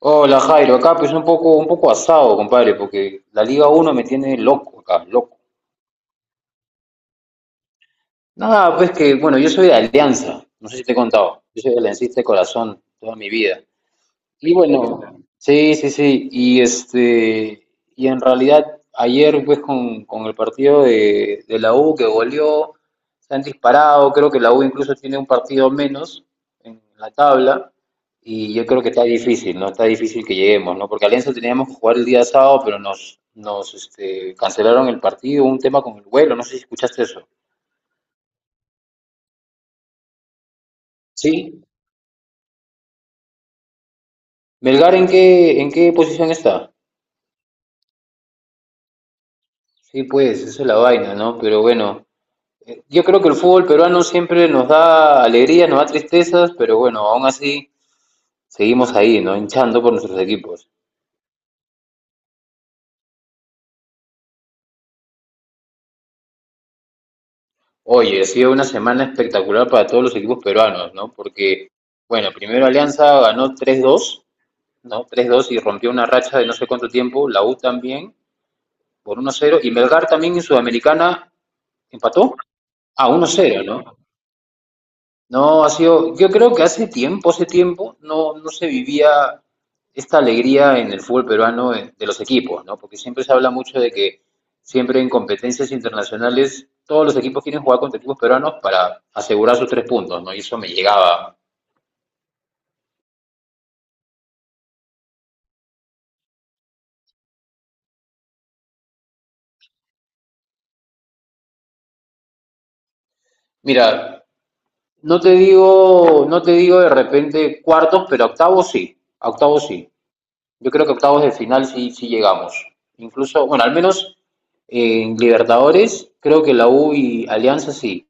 Hola Jairo, acá pues un poco asado, compadre, porque la Liga uno me tiene loco acá, loco. Nada, pues que, bueno, yo soy de Alianza, no sé si te he contado, yo soy aliancista de corazón toda mi vida. Y bueno, sí, sí, sí. Y este, y en realidad ayer pues con el partido de la U que goleó, se han disparado, creo que la U incluso tiene un partido menos en la tabla. Y yo creo que está difícil, ¿no? Está difícil que lleguemos, ¿no? Porque Alianza teníamos que jugar el día sábado, pero nos cancelaron el partido, un tema con el vuelo, no sé si escuchaste eso. Sí. Melgar, ¿en qué posición está? Sí, pues, esa es la vaina, ¿no? Pero bueno, yo creo que el fútbol peruano siempre nos da alegrías, nos da tristezas, pero bueno, aún así seguimos ahí, ¿no? Hinchando por nuestros equipos. Oye, ha sido una semana espectacular para todos los equipos peruanos, ¿no? Porque, bueno, primero Alianza ganó 3-2 no 3-2 y rompió una racha de no sé cuánto tiempo, la U también, por 1-0 y Melgar también en Sudamericana empató a 1-0, ¿no? No, ha sido, yo creo que hace tiempo, no, no se vivía esta alegría en el fútbol peruano, de los equipos, ¿no? Porque siempre se habla mucho de que siempre en competencias internacionales todos los equipos quieren jugar contra equipos peruanos para asegurar sus tres puntos, ¿no? Y eso me llegaba. Mira, no te digo, no te digo de repente cuartos, pero octavos sí, a octavos sí. Yo creo que octavos de final sí, sí llegamos. Incluso, bueno, al menos en Libertadores, creo que la U y Alianza sí.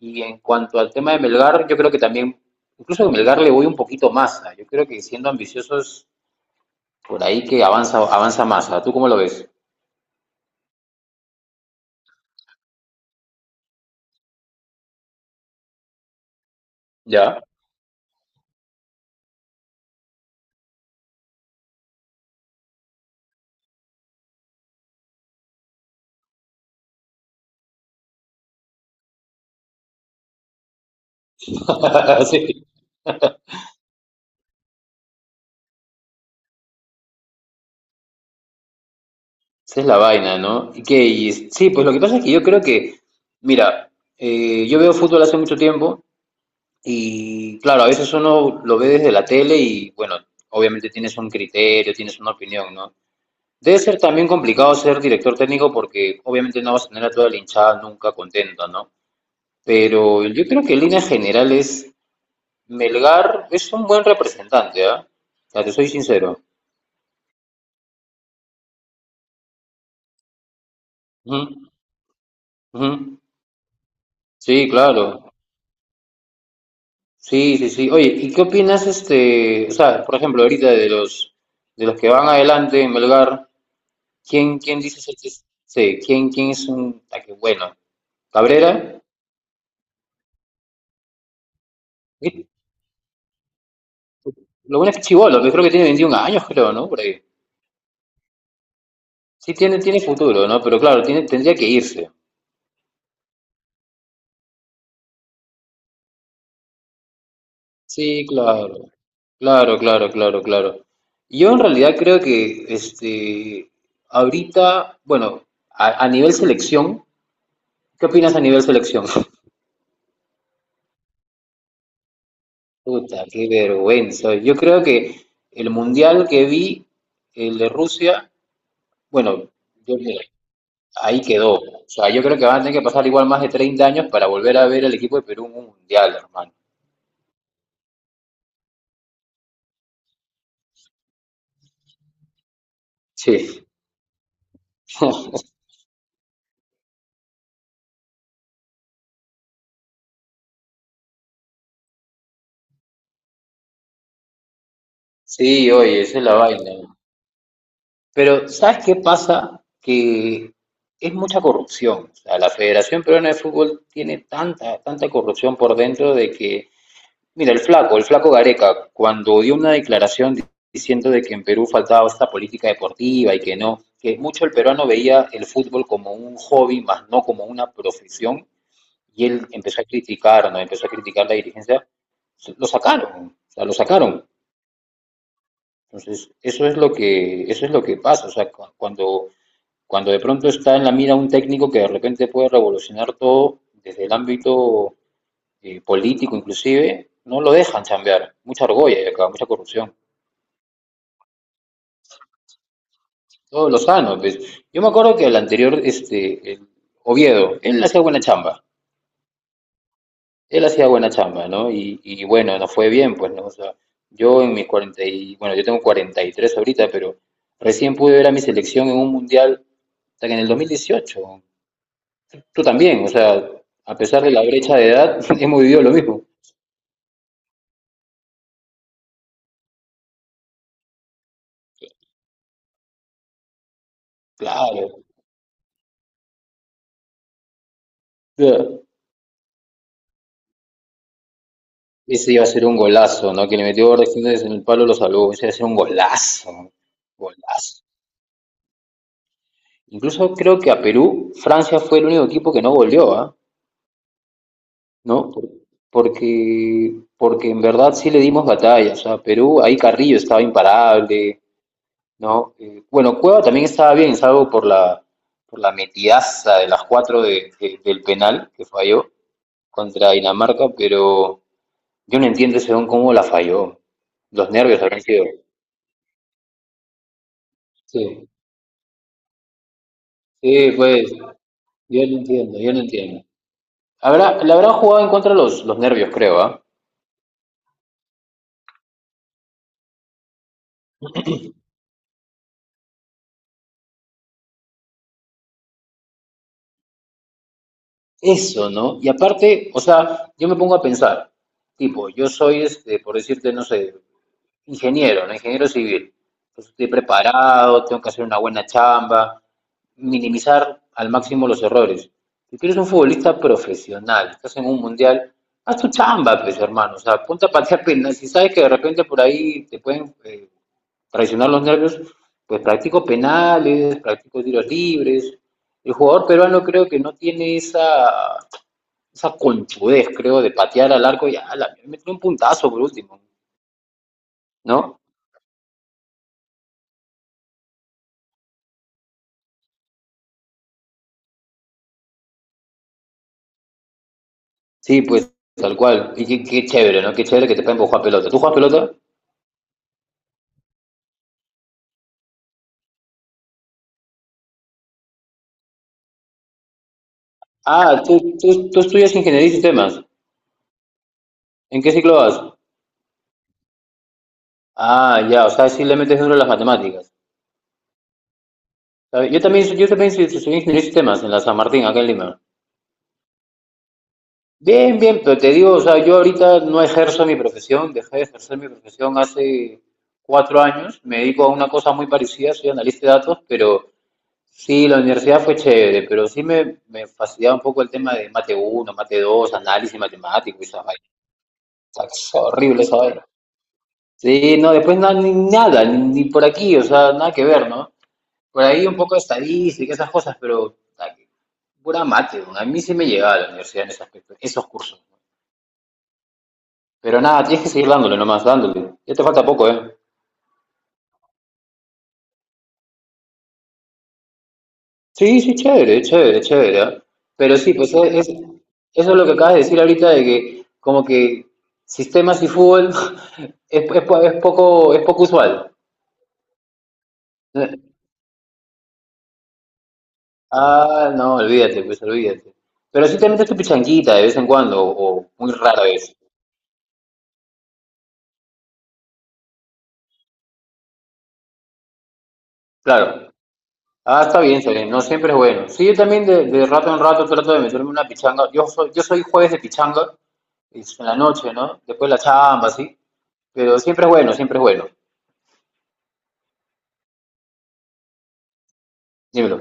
Y en cuanto al tema de Melgar, yo creo que también, incluso a Melgar le voy un poquito más. ¿Ah? Yo creo que siendo ambiciosos, por ahí que avanza, avanza más. ¿Ah? ¿Tú cómo lo ves? Ya. Sí. Esa es la vaina, ¿no? Y sí, pues lo que pasa es que yo creo que, mira, yo veo fútbol hace mucho tiempo y, claro, a veces uno lo ve desde la tele y, bueno, obviamente tienes un criterio, tienes una opinión, ¿no? Debe ser también complicado ser director técnico porque obviamente no vas a tener a toda la hinchada nunca contenta, ¿no? Pero yo creo que en líneas generales Melgar es un buen representante, ¿ah? O sea, te soy sincero. Ujú, ujú. Sí, claro. Sí, sí, sí. Oye, ¿y qué opinas este, o sea, por ejemplo, ahorita de los que van adelante en Melgar? Quién dices que sí, quién es qué bueno? Cabrera. Y lo bueno es que es chibolo, que creo que tiene 21 años, creo, ¿no? Por ahí. Sí tiene futuro, ¿no? Pero claro, tiene tendría que irse. Sí, claro. Claro, claro, claro, claro. Yo en realidad creo que este ahorita, bueno, a nivel selección, ¿qué opinas a nivel selección? Puta, qué vergüenza. Yo creo que el mundial que vi, el de Rusia, bueno, yo mira, ahí quedó. O sea, yo creo que van a tener que pasar igual más de 30 años para volver a ver al equipo de Perú en un mundial, hermano. Sí, sí, oye, esa es la vaina. Pero, ¿sabes qué pasa? Que es mucha corrupción. O sea, la Federación Peruana de Fútbol tiene tanta, tanta corrupción por dentro de que, mira, el flaco Gareca, cuando dio una declaración diciendo de que en Perú faltaba esta política deportiva y que no, que mucho el peruano veía el fútbol como un hobby, más no como una profesión, y él empezó a criticar, ¿no? Empezó a criticar la dirigencia, lo sacaron, o sea, lo sacaron. Entonces, eso es lo que, eso es lo que pasa, o sea, cuando de pronto está en la mira un técnico que de repente puede revolucionar todo desde el ámbito, político inclusive, no lo dejan chambear. Mucha argolla hay acá, mucha corrupción. Todo lo sano. Pues. Yo me acuerdo que el anterior, este, el Oviedo, él no hacía buena chamba. Él hacía buena chamba, ¿no? Y bueno, nos fue bien, pues, ¿no? O sea, yo en mis 40 y, bueno, yo tengo 43 ahorita, pero recién pude ver a mi selección en un mundial hasta que en el 2018. Tú también, o sea, a pesar de la brecha de edad, hemos vivido lo mismo. Claro. O sea, ese iba a ser un golazo, ¿no? Que le metió Borja Jiménez en el palo, lo salvó. Ese iba a ser un golazo. Golazo. Incluso creo que a Perú, Francia fue el único equipo que no goleó, ¿ah? ¿No? Porque, porque en verdad sí le dimos batalla. O sea, Perú, ahí Carrillo estaba imparable, ¿no? Bueno, Cueva también estaba bien, salvo por la metidaza de las cuatro del penal que falló. Contra Dinamarca, pero yo no entiendo ese don cómo la falló. Los nervios habrán sido. Sí, sí, pues, yo lo entiendo, yo lo entiendo. Le habrán jugado en contra los nervios, creo, ¿ah? Eso, ¿no? Y aparte, o sea, yo me pongo a pensar, tipo, yo soy, este, por decirte, no sé, ingeniero, ¿no? Ingeniero civil. Entonces estoy preparado, tengo que hacer una buena chamba, minimizar al máximo los errores. Si tú eres un futbolista profesional, estás en un mundial, haz tu chamba, pues hermano, o sea, ponte a patear penales. Si sabes que de repente por ahí te pueden, traicionar los nervios, pues practico penales, practico tiros libres. El jugador peruano creo que no tiene esa conchudez, creo, de patear al arco y a la metió un puntazo por último, ¿no? Sí, pues tal cual. Y qué chévere, ¿no? Qué chévere que te pueden jugar pelota. ¿Tú juegas pelota? Ah, tú estudias ingeniería y sistemas. ¿En qué ciclo vas? Ah, ya, o sea, sí le metes duro a las matemáticas. ¿Sabes? Yo también estudié ingeniería y sistemas en la San Martín, acá en Lima. Bien, bien, pero te digo, o sea, yo ahorita no ejerzo mi profesión, dejé de ejercer mi profesión hace 4 años, me dedico a una cosa muy parecida, soy analista de datos, pero sí, la universidad fue chévere, pero sí me fastidiaba un poco el tema de mate uno, mate 2, análisis matemático, y esa vaina. O sea, es horrible esa vaina. Sí, no, después no, ni nada, ni por aquí, o sea, nada que ver, ¿no? Por ahí un poco de estadística, esas cosas, pero puta, que pura mate, weón. A mí sí me llegaba a la universidad en ese aspecto, esos cursos. ¿No? Pero nada, tienes que seguir dándole nomás, dándole. Ya te falta poco, ¿eh? Sí, sí, chévere, chévere, chévere. ¿Ah? Pero sí, pues eso es lo que acabas de decir ahorita de que como que sistemas y fútbol es poco usual. Ah, no, olvídate, pues olvídate. Pero sí te metes tu pichanguita de vez en cuando, o muy rara vez. Claro. Ah, está bien, está bien. No siempre es bueno. Sí, yo también de rato en rato trato de meterme una pichanga. Yo soy jueves de pichanga, es en la noche, ¿no? Después la chamba, sí. Pero siempre es bueno, siempre es bueno. Dímelo.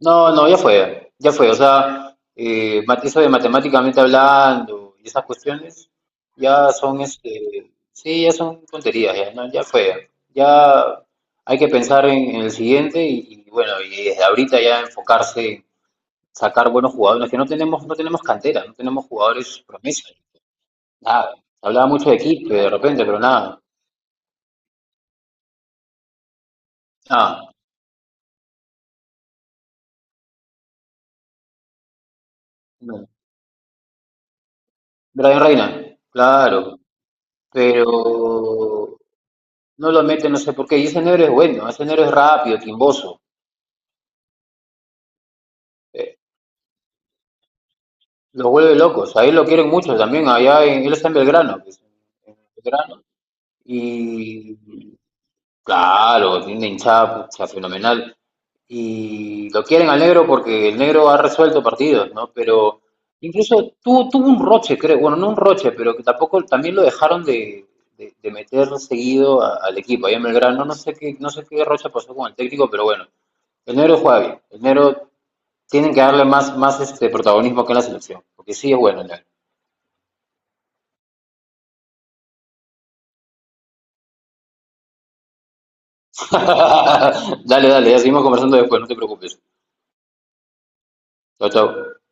No, no, ya fue, ya fue. O sea, eso de matemáticamente hablando y esas cuestiones ya son, este, sí, ya son tonterías, ya, ¿no? Ya fue. Ya hay que pensar en el siguiente y bueno, y desde ahorita ya enfocarse en sacar buenos jugadores, que no tenemos, no tenemos cantera, no tenemos jugadores promesas. Nada. Hablaba mucho de Quispe de repente, pero nada, ah, no. Brian Reina, claro, pero no lo meten, no sé por qué. Y ese negro es bueno, ese negro es rápido, timboso. Eh, los vuelve locos. Ahí lo quieren mucho también. Allá él está en Belgrano. Pues, en Belgrano. Y claro, tiene una hinchada pucha, fenomenal. Y lo quieren al negro porque el negro ha resuelto partidos, ¿no? Pero incluso tuvo un roche, creo. Bueno, no un roche, pero que tampoco también lo dejaron de meter seguido al equipo. Ahí en Belgrano, no sé qué roche pasó con el técnico, pero bueno. El negro juega bien. El negro tienen que darle más este protagonismo acá en la selección, porque sí es bueno. Ya. Dale, dale, ya seguimos conversando después, no te preocupes. Chao, chao.